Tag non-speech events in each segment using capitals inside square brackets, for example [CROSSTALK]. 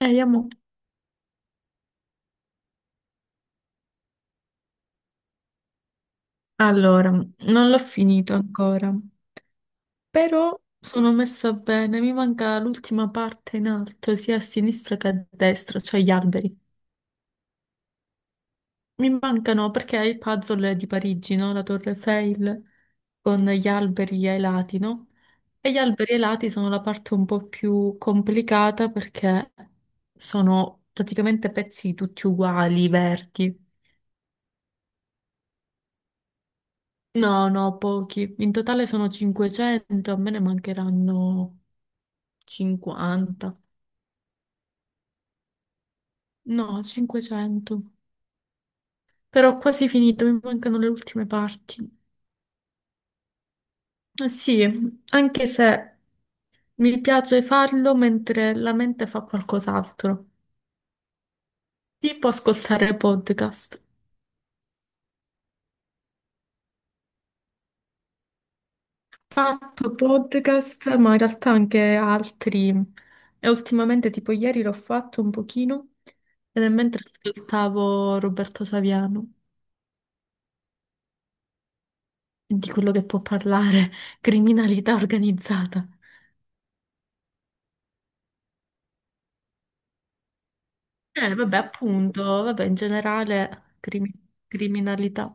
Vediamo. Allora, non l'ho finito ancora, però sono messa bene, mi manca l'ultima parte in alto, sia a sinistra che a destra, cioè gli alberi. Mi mancano perché il puzzle è di Parigi, no? La Torre Eiffel con gli alberi ai lati, no? E gli alberi ai lati sono la parte un po' più complicata perché sono praticamente pezzi tutti uguali, verdi. No, no, pochi. In totale sono 500, a me ne mancheranno 50, no, 500. Però ho quasi finito, mi mancano le ultime parti. Eh sì, anche se mi piace farlo mentre la mente fa qualcos'altro, tipo ascoltare podcast. Fatto podcast, ma in realtà anche altri. E ultimamente, tipo ieri l'ho fatto un pochino, ed è mentre ascoltavo Roberto Saviano, di quello che può parlare, [LAUGHS] criminalità organizzata. Vabbè, appunto, vabbè, in generale criminalità.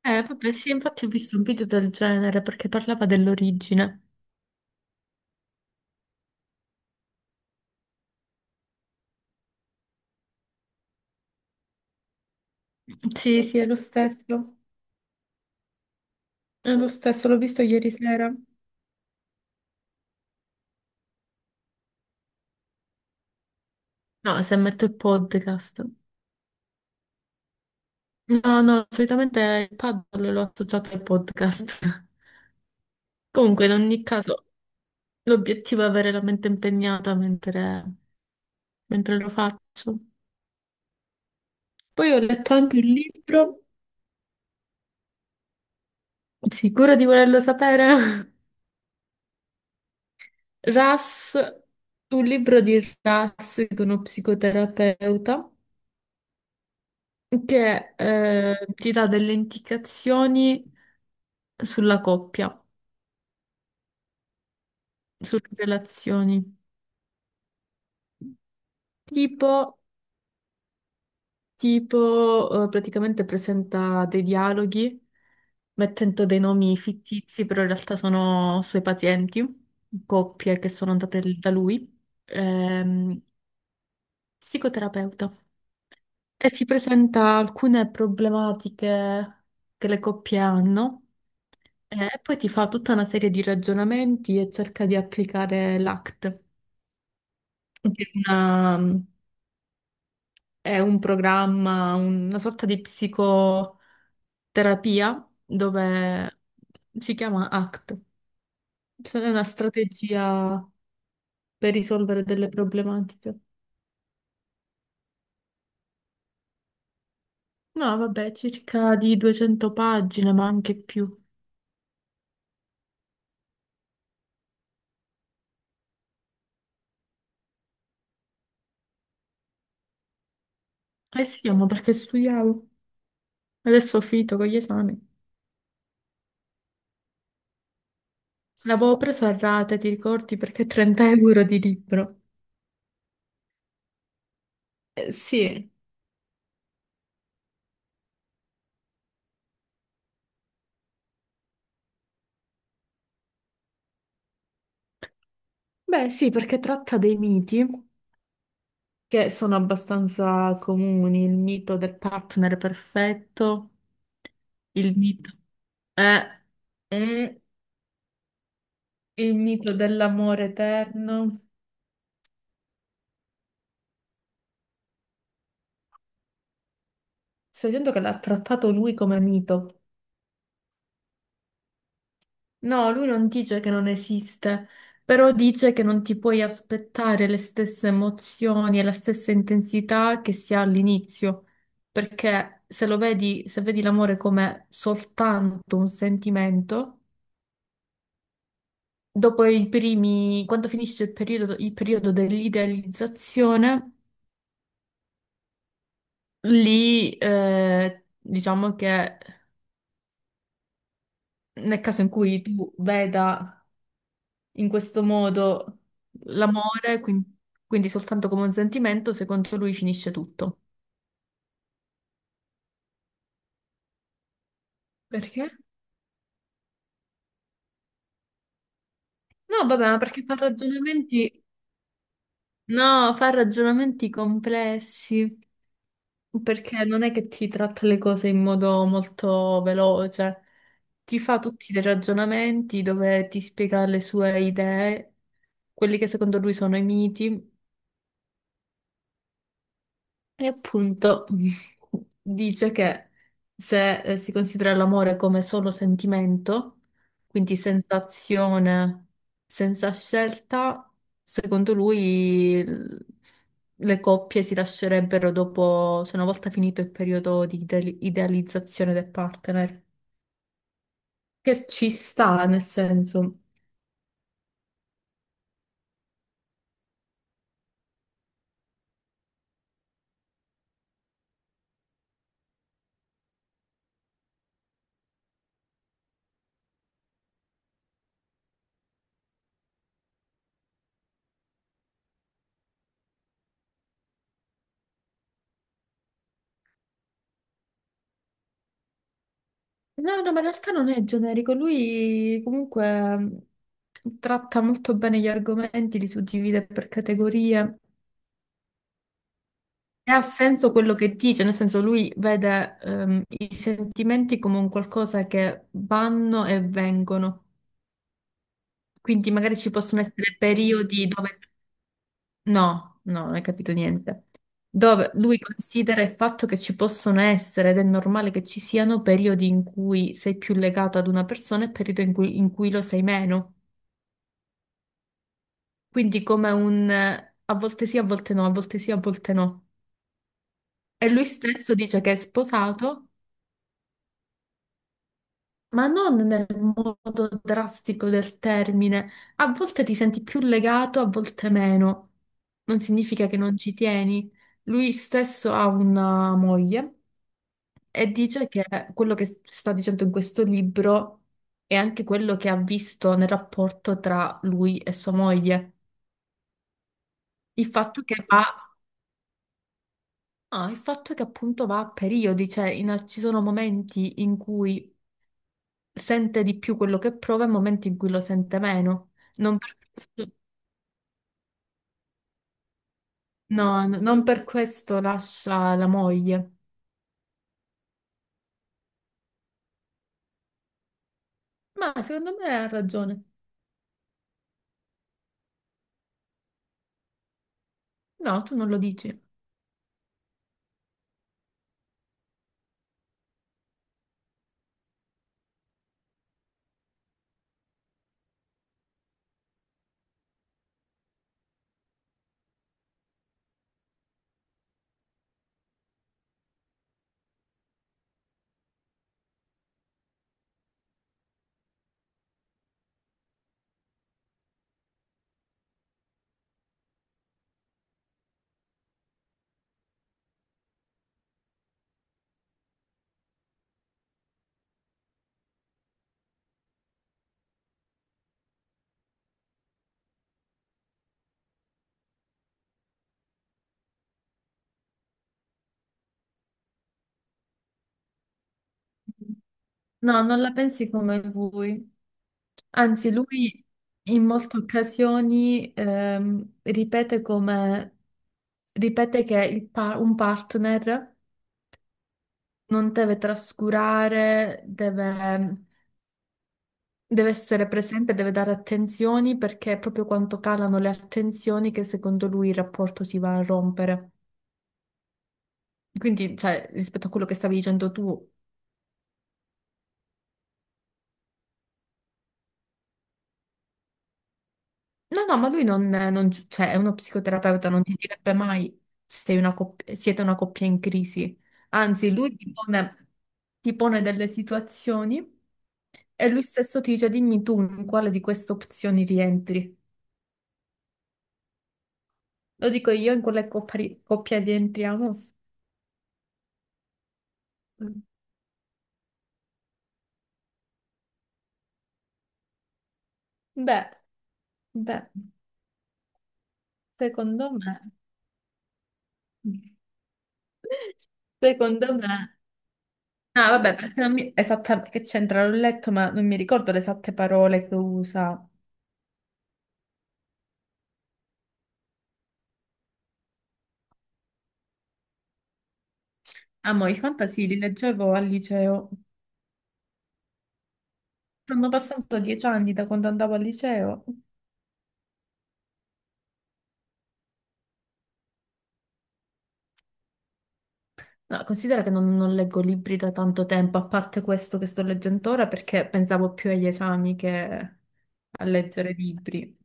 Vabbè, sì, infatti ho visto un video del genere perché parlava dell'origine. Sì, sì, è lo stesso. È lo stesso, l'ho visto ieri sera. No, se metto il podcast. No, no, solitamente il paddle l'ho associato al podcast. [LAUGHS] Comunque, in ogni caso, l'obiettivo è avere la mente impegnata mentre lo faccio. Poi ho letto anche un libro, sicuro di volerlo sapere? [LAUGHS] Ras, un libro di Ras, che è uno psicoterapeuta, che ti dà delle indicazioni sulla coppia, sulle relazioni. Tipo, tipo, praticamente presenta dei dialoghi mettendo dei nomi fittizi, però in realtà sono suoi pazienti, coppie che sono andate da lui. Ehm, Psicoterapeuta. E ti presenta alcune problematiche che le coppie hanno e poi ti fa tutta una serie di ragionamenti e cerca di applicare l'ACT, che è un programma, una sorta di psicoterapia dove si chiama ACT. Cioè, è una strategia per risolvere delle problematiche. No, vabbè, circa di 200 pagine, ma anche più. Eh sì, ma perché studiavo. Adesso ho finito con gli esami. L'avevo preso a rate, ti ricordi? Perché 30 euro di libro. Sì. Beh, sì, perché tratta dei miti che sono abbastanza comuni, il mito del partner perfetto, il mito, eh, mm, il mito dell'amore eterno. Sto dicendo che l'ha trattato lui come mito. No, lui non dice che non esiste, però dice che non ti puoi aspettare le stesse emozioni e la stessa intensità che si ha all'inizio, perché se lo vedi, se vedi l'amore come soltanto un sentimento, dopo i primi, quando finisce il periodo dell'idealizzazione, lì diciamo che nel caso in cui tu veda in questo modo l'amore, quindi soltanto come un sentimento, secondo lui finisce tutto. Perché? No, vabbè, ma perché fa ragionamenti. No, fa ragionamenti complessi, perché non è che ti tratta le cose in modo molto veloce, ti fa tutti dei ragionamenti dove ti spiega le sue idee, quelli che secondo lui sono i miti. E appunto [LAUGHS] dice che se si considera l'amore come solo sentimento, quindi sensazione senza scelta, secondo lui le coppie si lascerebbero dopo, cioè una volta finito il periodo di idealizzazione del partner. Che ci sta, nel senso. No, no, ma in realtà non è generico, lui comunque tratta molto bene gli argomenti, li suddivide per categorie. E ha senso quello che dice, nel senso lui vede i sentimenti come un qualcosa che vanno e vengono, quindi magari ci possono essere periodi dove. No, no, non hai capito niente. Dove lui considera il fatto che ci possono essere ed è normale che ci siano periodi in cui sei più legato ad una persona e periodi in cui lo sei meno. Quindi come un a volte sì, a volte no, a volte sì, a volte no. E lui stesso dice che è sposato. Ma non nel modo drastico del termine. A volte ti senti più legato, a volte meno. Non significa che non ci tieni. Lui stesso ha una moglie e dice che quello che sta dicendo in questo libro è anche quello che ha visto nel rapporto tra lui e sua moglie. Il fatto che va, il fatto è che appunto va a periodi, cioè ci sono momenti in cui sente di più quello che prova e momenti in cui lo sente meno. Non per questo. No, non per questo lascia la moglie. Ma secondo me ha ragione. No, tu non lo dici. No, non la pensi come lui. Anzi, lui in molte occasioni ripete che un partner non deve trascurare, deve essere presente, deve dare attenzioni perché è proprio quando calano le attenzioni che secondo lui il rapporto si va a rompere. Quindi, cioè, rispetto a quello che stavi dicendo tu, no, no, ma lui, non, non gi- cioè, è uno psicoterapeuta, non ti direbbe mai siete una coppia in crisi. Anzi, lui ti pone delle situazioni e lui stesso ti dice, dimmi tu in quale di queste opzioni rientri. Lo dico io, in quale coppia rientriamo? Beh, beh, secondo me, [LAUGHS] secondo me. No, vabbè, perché non mi... esattamente che c'entra, l'ho letto, ma non mi ricordo le esatte parole che usa. Ah, mo, i fantasy li leggevo al liceo. Sono passato 10 anni da quando andavo al liceo. No, considera che non leggo libri da tanto tempo, a parte questo che sto leggendo ora, perché pensavo più agli esami che a leggere libri.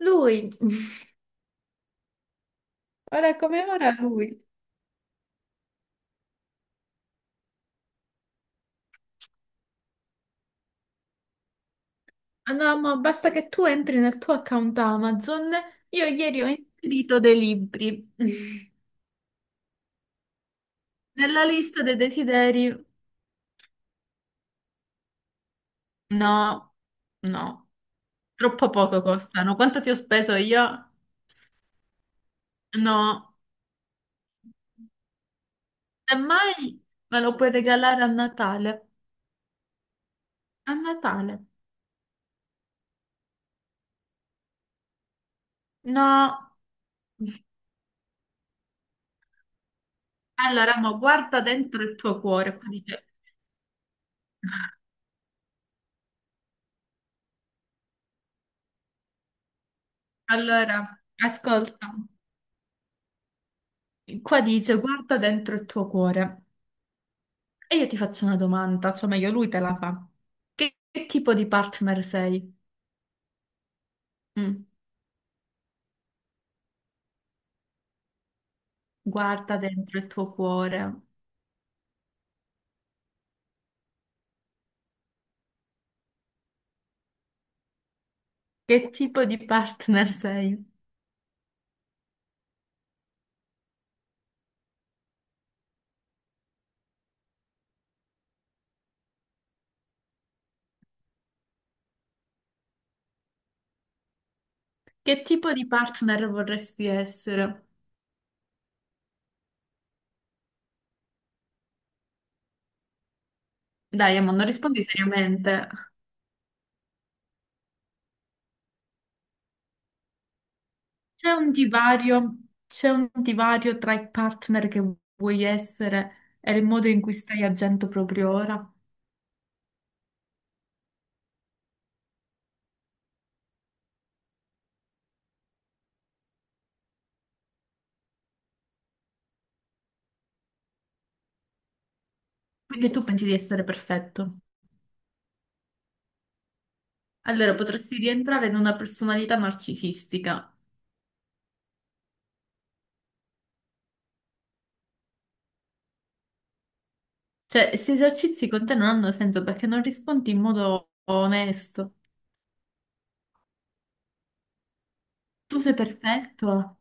Lui, [LAUGHS] ora come ora lui. Ah no, ma basta che tu entri nel tuo account Amazon. Io ieri ho inserito dei libri [LAUGHS] nella lista dei desideri. No, no, troppo poco costano. Quanto ti ho speso io? No, semmai me lo puoi regalare a Natale. A Natale. No. Allora, mo guarda dentro il tuo cuore. Qua dice. Allora, ascolta. Qua dice, guarda dentro il tuo cuore. E io ti faccio una domanda, cioè meglio lui te la fa. Che tipo di partner sei? Mm. Guarda dentro il tuo cuore. Che tipo di partner sei? Che tipo di partner vorresti essere? Dai, Amanda, rispondi seriamente. C'è un divario, c'è un divario tra i partner che vuoi essere e il modo in cui stai agendo proprio ora? Perché tu pensi di essere perfetto. Allora, potresti rientrare in una personalità narcisistica. Cioè, questi esercizi con te non hanno senso perché non rispondi in modo onesto. Tu sei perfetto,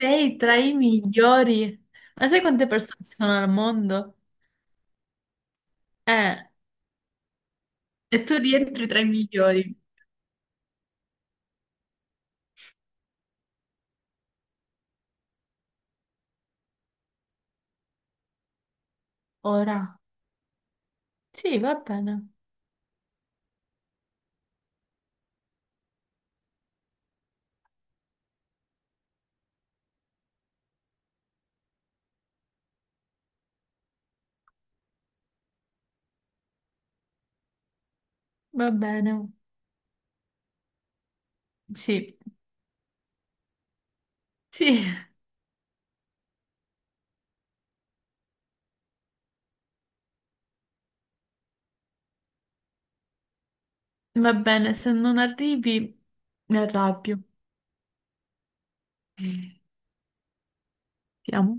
sei tra i migliori. Ma sai quante persone ci sono al mondo? Eh. E tu rientri tra i migliori. Ora. Sì, va bene. Va bene. Sì. Sì, [LAUGHS] va bene. Se non arrivi, mi arrabbio. Siamo.